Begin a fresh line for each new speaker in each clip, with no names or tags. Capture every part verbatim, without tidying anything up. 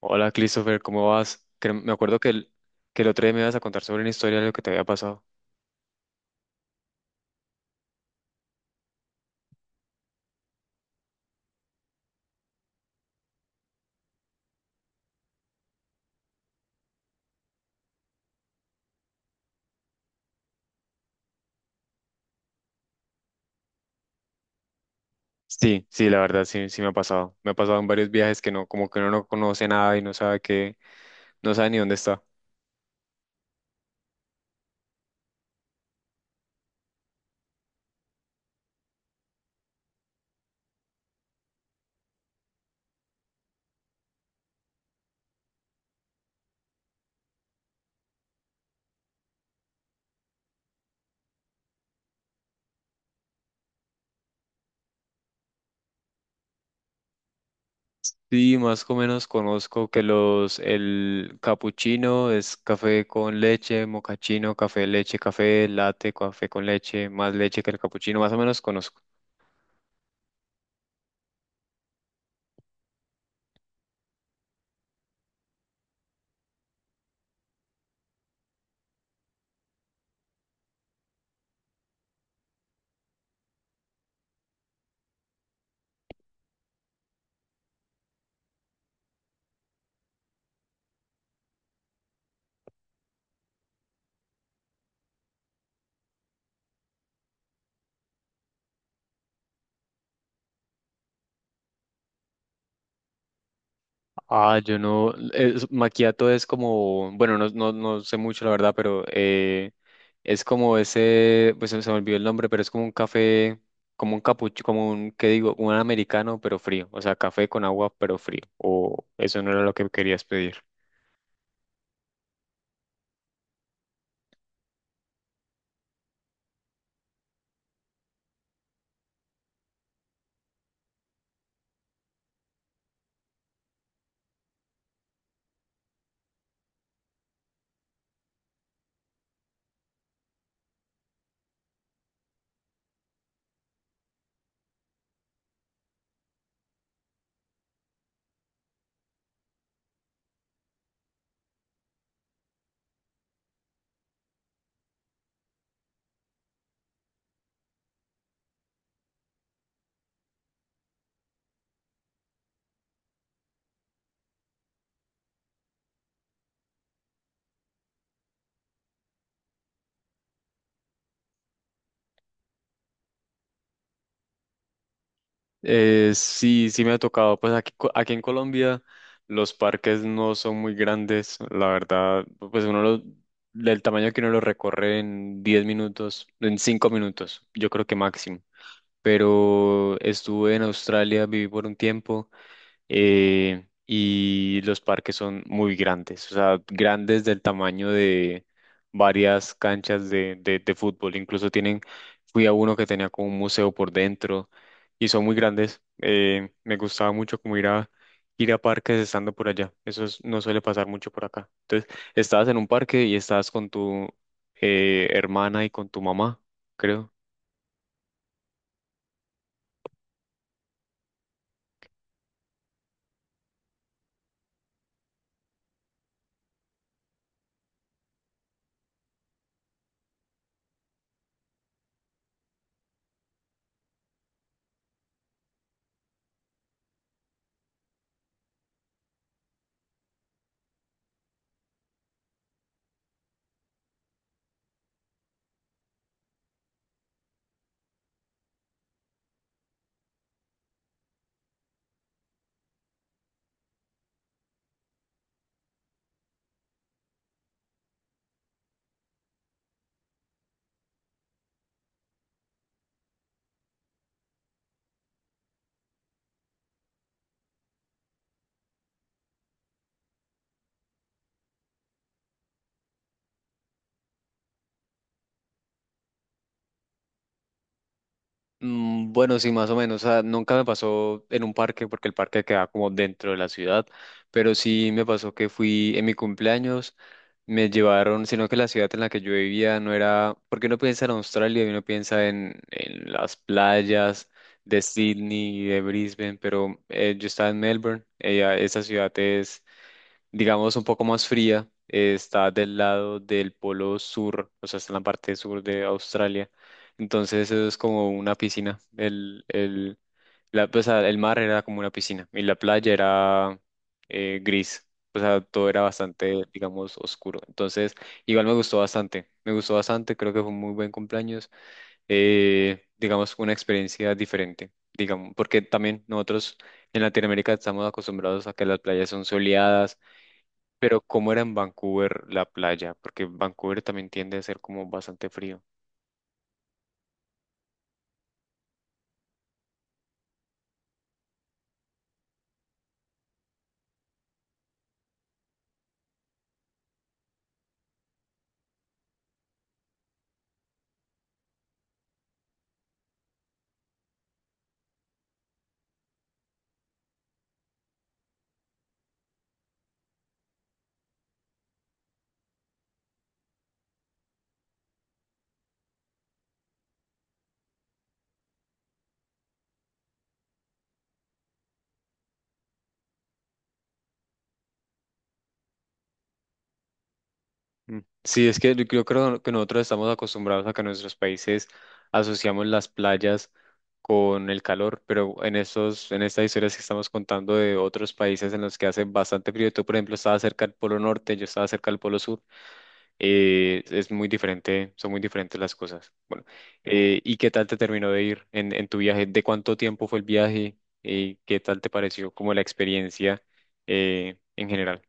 Hola, Christopher, ¿cómo vas? Cre- Me acuerdo que el, que el otro día me ibas a contar sobre una historia de lo que te había pasado. Sí, sí, la verdad, sí, sí me ha pasado. Me ha pasado en varios viajes que no, como que uno no conoce nada y no sabe qué, no sabe ni dónde está. Sí, más o menos conozco que los, el capuchino es café con leche, mocachino, café, leche, café, latte, café con leche, más leche que el capuchino, más o menos conozco. Ah, yo no, es, macchiato es como, bueno, no, no, no sé mucho la verdad, pero eh, es como ese, pues se se me olvidó el nombre, pero es como un café, como un capucho, como un, ¿qué digo? Un americano, pero frío, o sea, café con agua, pero frío, o eso no era lo que querías pedir. Eh, sí, sí me ha tocado, pues aquí, co- aquí en Colombia los parques no son muy grandes, la verdad, pues uno los, del tamaño que uno lo recorre en diez minutos, en cinco minutos, yo creo que máximo. Pero estuve en Australia, viví por un tiempo, eh, y los parques son muy grandes, o sea, grandes del tamaño de varias canchas de, de, de fútbol, incluso tienen, fui a uno que tenía como un museo por dentro y son muy grandes, eh, me gustaba mucho como ir a... ir a parques estando por allá. Eso es- no suele pasar mucho por acá. Entonces, estabas en un parque y estabas con tu eh, hermana y con tu mamá, creo. Mm, Bueno, sí, más o menos. O sea, nunca me pasó en un parque porque el parque queda como dentro de la ciudad, pero sí me pasó que fui en mi cumpleaños, me llevaron, sino que la ciudad en la que yo vivía no era, porque uno piensa en Australia y uno piensa en, en las playas de Sydney y de Brisbane, pero eh, yo estaba en Melbourne, ella, esa ciudad es, digamos, un poco más fría, eh, está del lado del polo sur, o sea, está en la parte sur de Australia. Entonces eso es como una piscina. El, el, la, pues, ah, el mar era como una piscina y la playa era, eh, gris. O sea, todo era bastante, digamos, oscuro. Entonces, igual me gustó bastante. Me gustó bastante, creo que fue un muy buen cumpleaños. eh, digamos, una experiencia diferente, digamos, porque también nosotros en Latinoamérica estamos acostumbrados a que las playas son soleadas, pero ¿cómo era en Vancouver la playa? Porque Vancouver también tiende a ser como bastante frío. Mm. Sí, es que yo yo creo que nosotros estamos acostumbrados a que en nuestros países asociamos las playas con el calor, pero en estos, en estas historias que estamos contando de otros países en los que hace bastante frío, tú por ejemplo estabas cerca del Polo Norte, yo estaba cerca del Polo Sur. eh, es muy diferente, son muy diferentes las cosas. Bueno, eh, ¿y qué tal te terminó de ir en, en tu viaje? ¿De cuánto tiempo fue el viaje? ¿Y qué tal te pareció como la experiencia, eh, en general?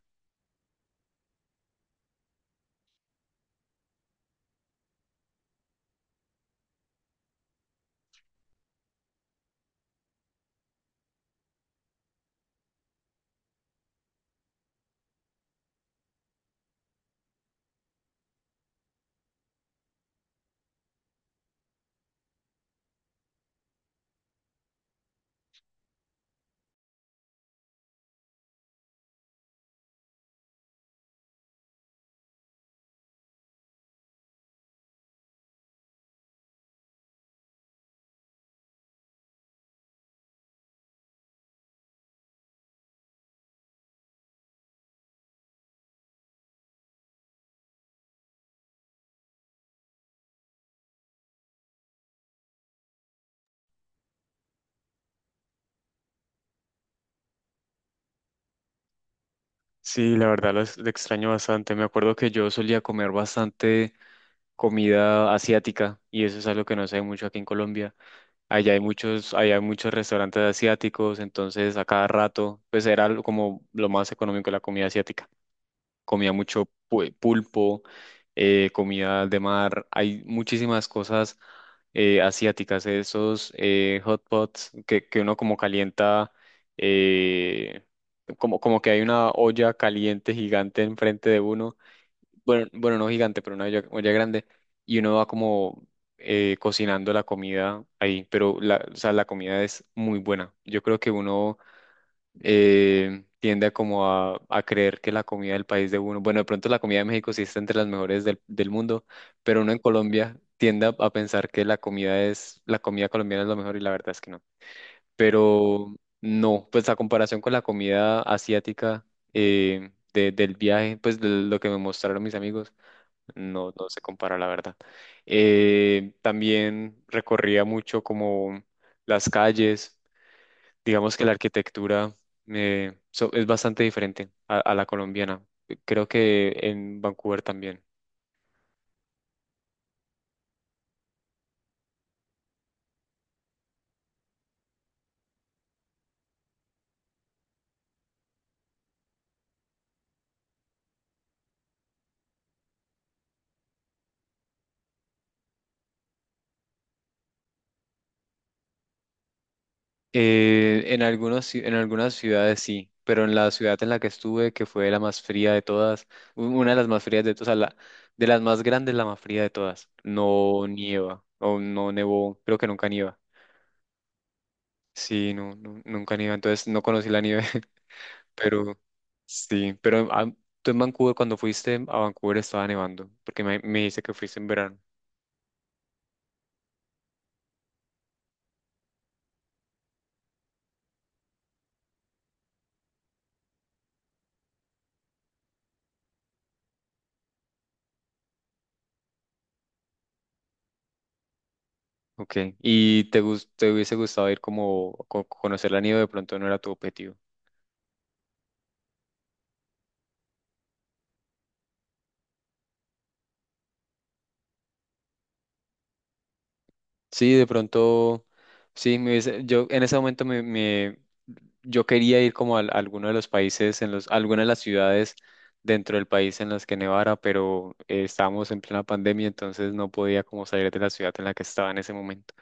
Sí, la verdad lo, ex- lo extraño bastante. Me acuerdo que yo solía comer bastante comida asiática y eso es algo que no se ve mucho aquí en Colombia. Allá hay muchos, allá hay muchos restaurantes asiáticos, entonces a cada rato pues era algo como lo más económico la comida asiática. Comía mucho pu- pulpo, eh, comida de mar, hay muchísimas cosas, eh, asiáticas, esos eh, hot pots que, que uno como calienta, eh, como, como que hay una olla caliente gigante enfrente de uno, bueno, bueno, no gigante, pero una olla, olla grande, y uno va como, eh, cocinando la comida ahí, pero la, o sea, la comida es muy buena. Yo creo que uno, eh, tiende a como a, a creer que la comida del país de uno, bueno, de pronto la comida de México sí está entre las mejores del, del mundo, pero uno en Colombia tiende a, a pensar que la comida es, la comida colombiana es lo mejor y la verdad es que no. Pero no, pues a comparación con la comida asiática, eh, de- del viaje, pues de lo que me mostraron mis amigos, no, no se compara la verdad. Eh, también recorría mucho como las calles, digamos que la arquitectura, eh, so- es bastante diferente a, a la colombiana. Creo que en Vancouver también. Eh, en algunos, ci- en algunas ciudades sí, pero en la ciudad en la que estuve, que fue la más fría de todas, u- una de las más frías de todas, o sea, la, de las más grandes, la más fría de todas, no nieva, o no nevó, creo que nunca nieva. Sí, no, nu- nunca nieva, entonces no conocí la nieve. Pero sí, pero ah, tú en Vancouver, cuando fuiste a Vancouver estaba nevando, porque me, me dice que fuiste en verano. Ok, ¿y te, gus- te hubiese gustado ir como co- conocer la nieve? De pronto no era tu objetivo. Sí, de pronto, sí, me hubiese- yo en ese momento me, me- yo quería ir como a, algunos alguno de los países, en los, algunas de las ciudades dentro del país en las que nevara, pero eh, estábamos en plena pandemia, entonces no podía como salir de la ciudad en la que estaba en ese momento.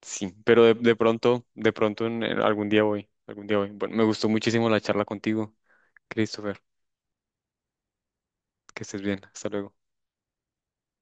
Sí, pero de, de pronto, de pronto en- en algún día voy, algún día voy. Bueno, me gustó muchísimo la charla contigo, Christopher. Que estés bien. Hasta luego.